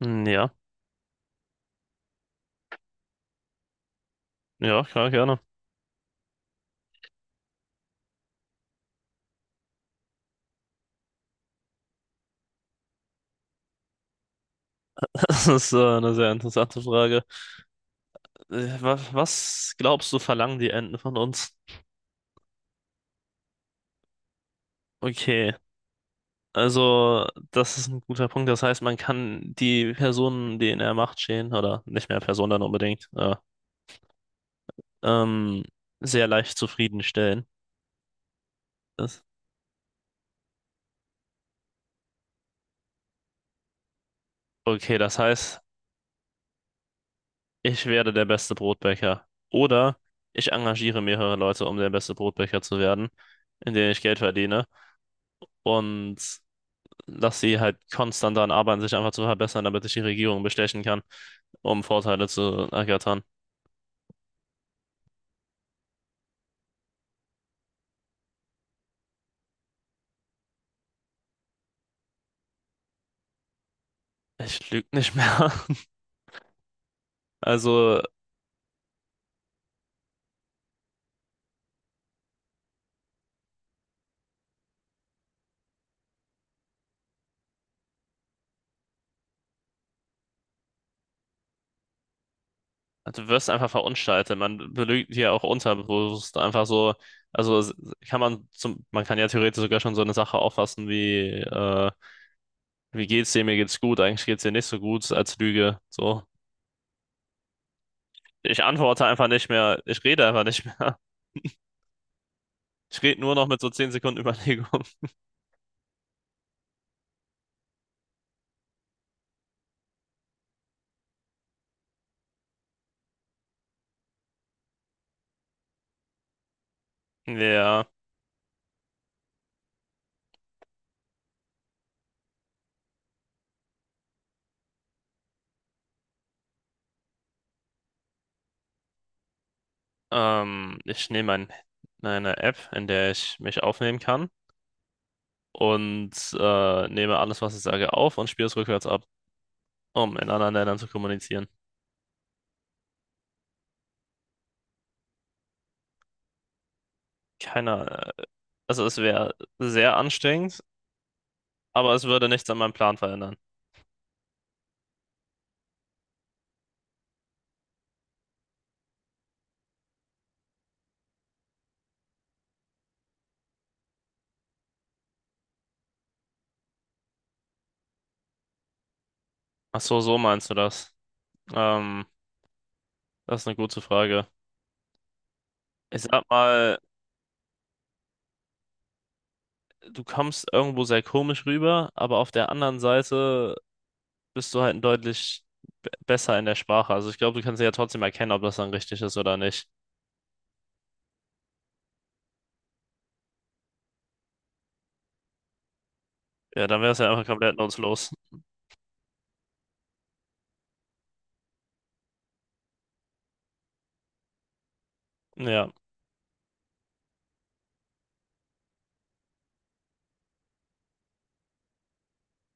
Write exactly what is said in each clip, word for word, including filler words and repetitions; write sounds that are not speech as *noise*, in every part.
Hm, Ja, ja, klar, gerne. *laughs* Das ist äh, eine sehr interessante Frage. Äh, wa- Was glaubst du, verlangen die Enten von uns? Okay, also das ist ein guter Punkt. Das heißt, man kann die Personen, die in der Macht stehen, oder nicht mehr Personen dann unbedingt, äh, ähm, sehr leicht zufriedenstellen. Das, okay, das heißt, ich werde der beste Brotbäcker. Oder ich engagiere mehrere Leute, um der beste Brotbäcker zu werden, indem ich Geld verdiene. Und dass sie halt konstant daran arbeiten, sich einfach zu verbessern, damit sich die Regierung bestechen kann, um Vorteile zu ergattern. Ich lüge nicht mehr. *laughs* Also, du wirst einfach verunstaltet. Man belügt hier auch unterbewusst einfach so. Also s- Kann man zum, man kann ja theoretisch sogar schon so eine Sache auffassen wie, äh, wie geht's dir, mir geht's gut, eigentlich geht's dir nicht so gut als Lüge. So. Ich antworte einfach nicht mehr, ich rede einfach nicht mehr. Ich rede nur noch mit so zehn Sekunden *laughs* Überlegung. Ja, ähm, ich nehme ein, eine App, in der ich mich aufnehmen kann und äh, nehme alles, was ich sage, auf und spiele es rückwärts ab, um in anderen Ländern zu kommunizieren. Keiner, also es wäre sehr anstrengend, aber es würde nichts an meinem Plan verändern. Ach so, so meinst du das? Ähm, Das ist eine gute Frage. Ich sag mal, du kommst irgendwo sehr komisch rüber, aber auf der anderen Seite bist du halt deutlich be- besser in der Sprache. Also ich glaube, du kannst ja trotzdem erkennen, ob das dann richtig ist oder nicht. Ja, dann wäre es ja einfach komplett nutzlos. Ja,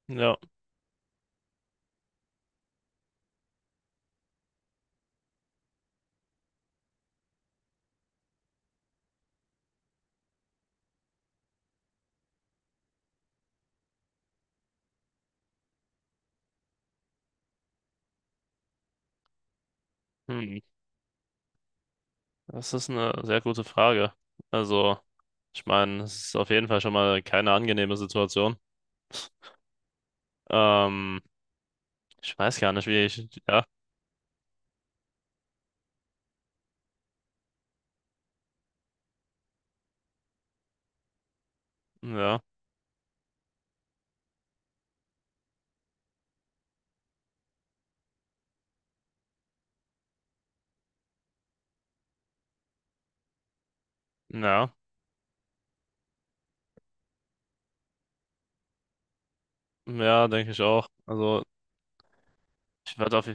ja. Hm. Das ist eine sehr gute Frage. Also, ich meine, es ist auf jeden Fall schon mal keine angenehme Situation. Ähm, ich weiß gar nicht, wie ich. Ja, ja, ja, ja, denke ich auch. Also, ich würde auf.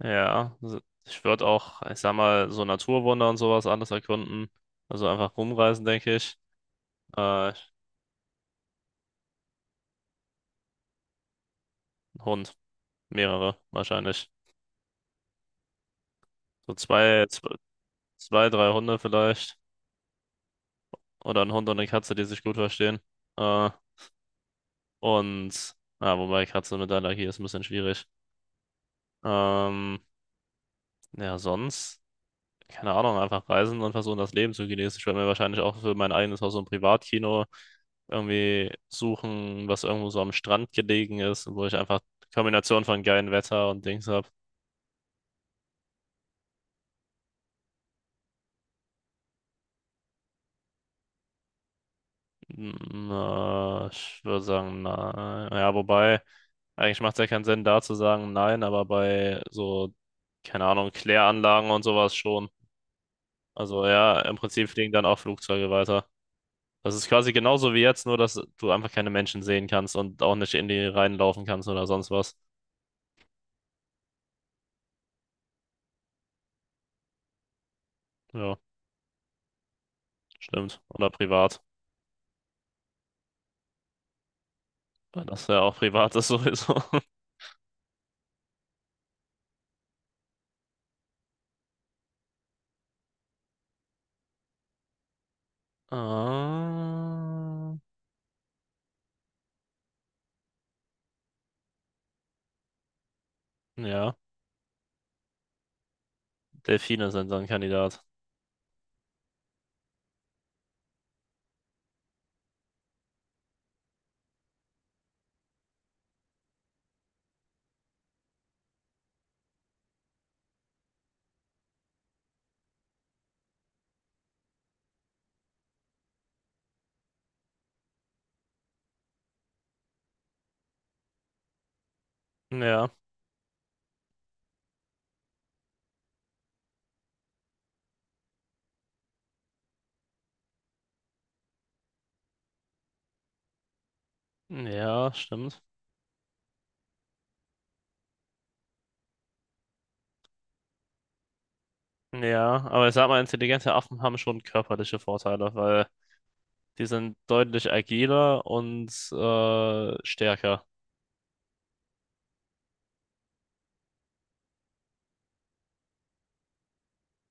Ja, also ich würde auch, ich sag mal, so Naturwunder und sowas alles erkunden. Also einfach rumreisen, denke ich. Äh, Ein Hund. Mehrere, wahrscheinlich. So zwei, zwei, zwei, drei Hunde vielleicht. Oder ein Hund und eine Katze, die sich gut verstehen. Äh, und, ja, wobei Katze mit Allergie ist ein bisschen schwierig. Ähm, ja, sonst, keine Ahnung, einfach reisen und versuchen, das Leben zu genießen. Ich werde mir wahrscheinlich auch für mein eigenes Haus so ein Privatkino irgendwie suchen, was irgendwo so am Strand gelegen ist, wo ich einfach Kombination von geilem Wetter und Dings habe. Hm, äh, ich würde sagen, na, ja, wobei. Eigentlich macht es ja keinen Sinn, da zu sagen, nein, aber bei so, keine Ahnung, Kläranlagen und sowas schon. Also ja, im Prinzip fliegen dann auch Flugzeuge weiter. Das ist quasi genauso wie jetzt, nur dass du einfach keine Menschen sehen kannst und auch nicht in die reinlaufen kannst oder sonst was. Ja, stimmt. Oder privat. Weil das ja auch privat ist sowieso. *laughs* Ah, ja, Delfine sind so ein Kandidat. Ja, ja, stimmt. Ja, aber ich sag mal, intelligente Affen haben schon körperliche Vorteile, weil die sind deutlich agiler und äh, stärker.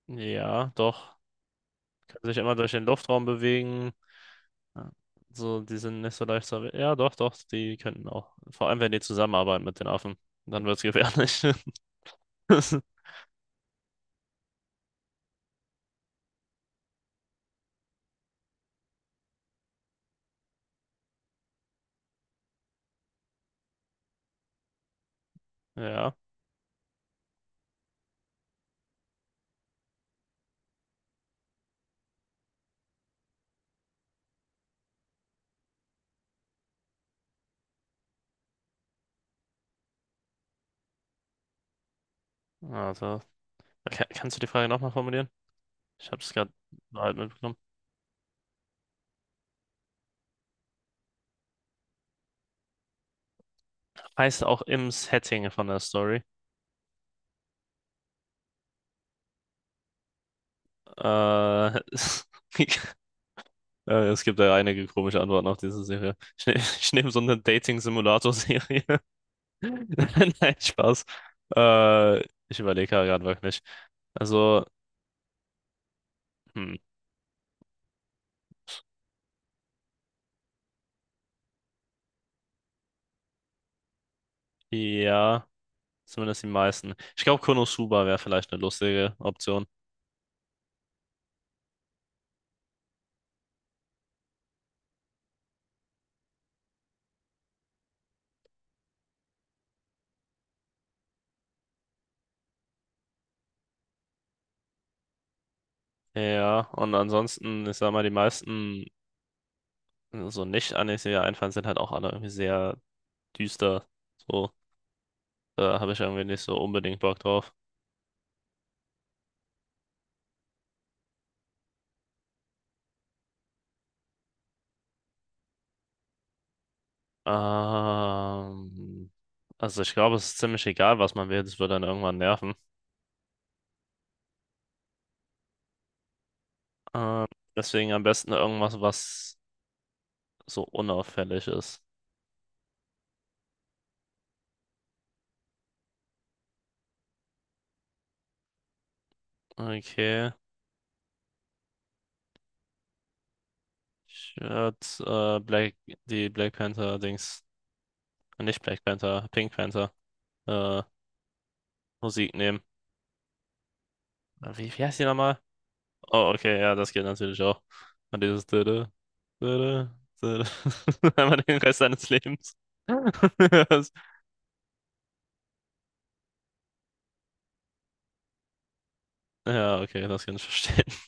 Ja, doch. Kann sich immer durch den Luftraum bewegen. Ja. So, die sind nicht so leicht zu. Ja, doch, doch, die könnten auch. Vor allem, wenn die zusammenarbeiten mit den Affen. Dann wird's gefährlich. *laughs* Ja, also. ka- Kannst du die Frage nochmal formulieren? Ich habe es gerade halt mitbekommen. Heißt auch im Setting von der Story. Äh, *laughs* Äh, Es gibt ja einige komische Antworten auf diese Serie. Ich, ne *laughs* ich nehme so eine Dating-Simulator-Serie. *laughs* Nein, Spaß. Äh, ich überlege gerade wirklich. Also, hm, ja, zumindest die meisten. Ich glaube, Konosuba wäre vielleicht eine lustige Option. Ja, und ansonsten, ich sag mal, die meisten so Nicht-Animes, die mir einfallen, sind halt auch alle irgendwie sehr düster. So, da habe ich irgendwie nicht so unbedingt Bock drauf. Ähm, also ich glaube, es ist ziemlich egal, was man will, das wird dann irgendwann nerven. Ähm, deswegen am besten irgendwas, was so unauffällig ist. Okay. Ich äh, Black, die Black Panther Dings, äh, nicht Black Panther, Pink Panther äh, Musik nehmen. Äh, Wie, wie heißt die nochmal? Oh, okay, ja, das geht natürlich auch. Und dieses Dödö, Dödö, Dödö. *laughs* Einmal den Rest seines Lebens. *laughs* Ja, okay, das kann ich verstehen.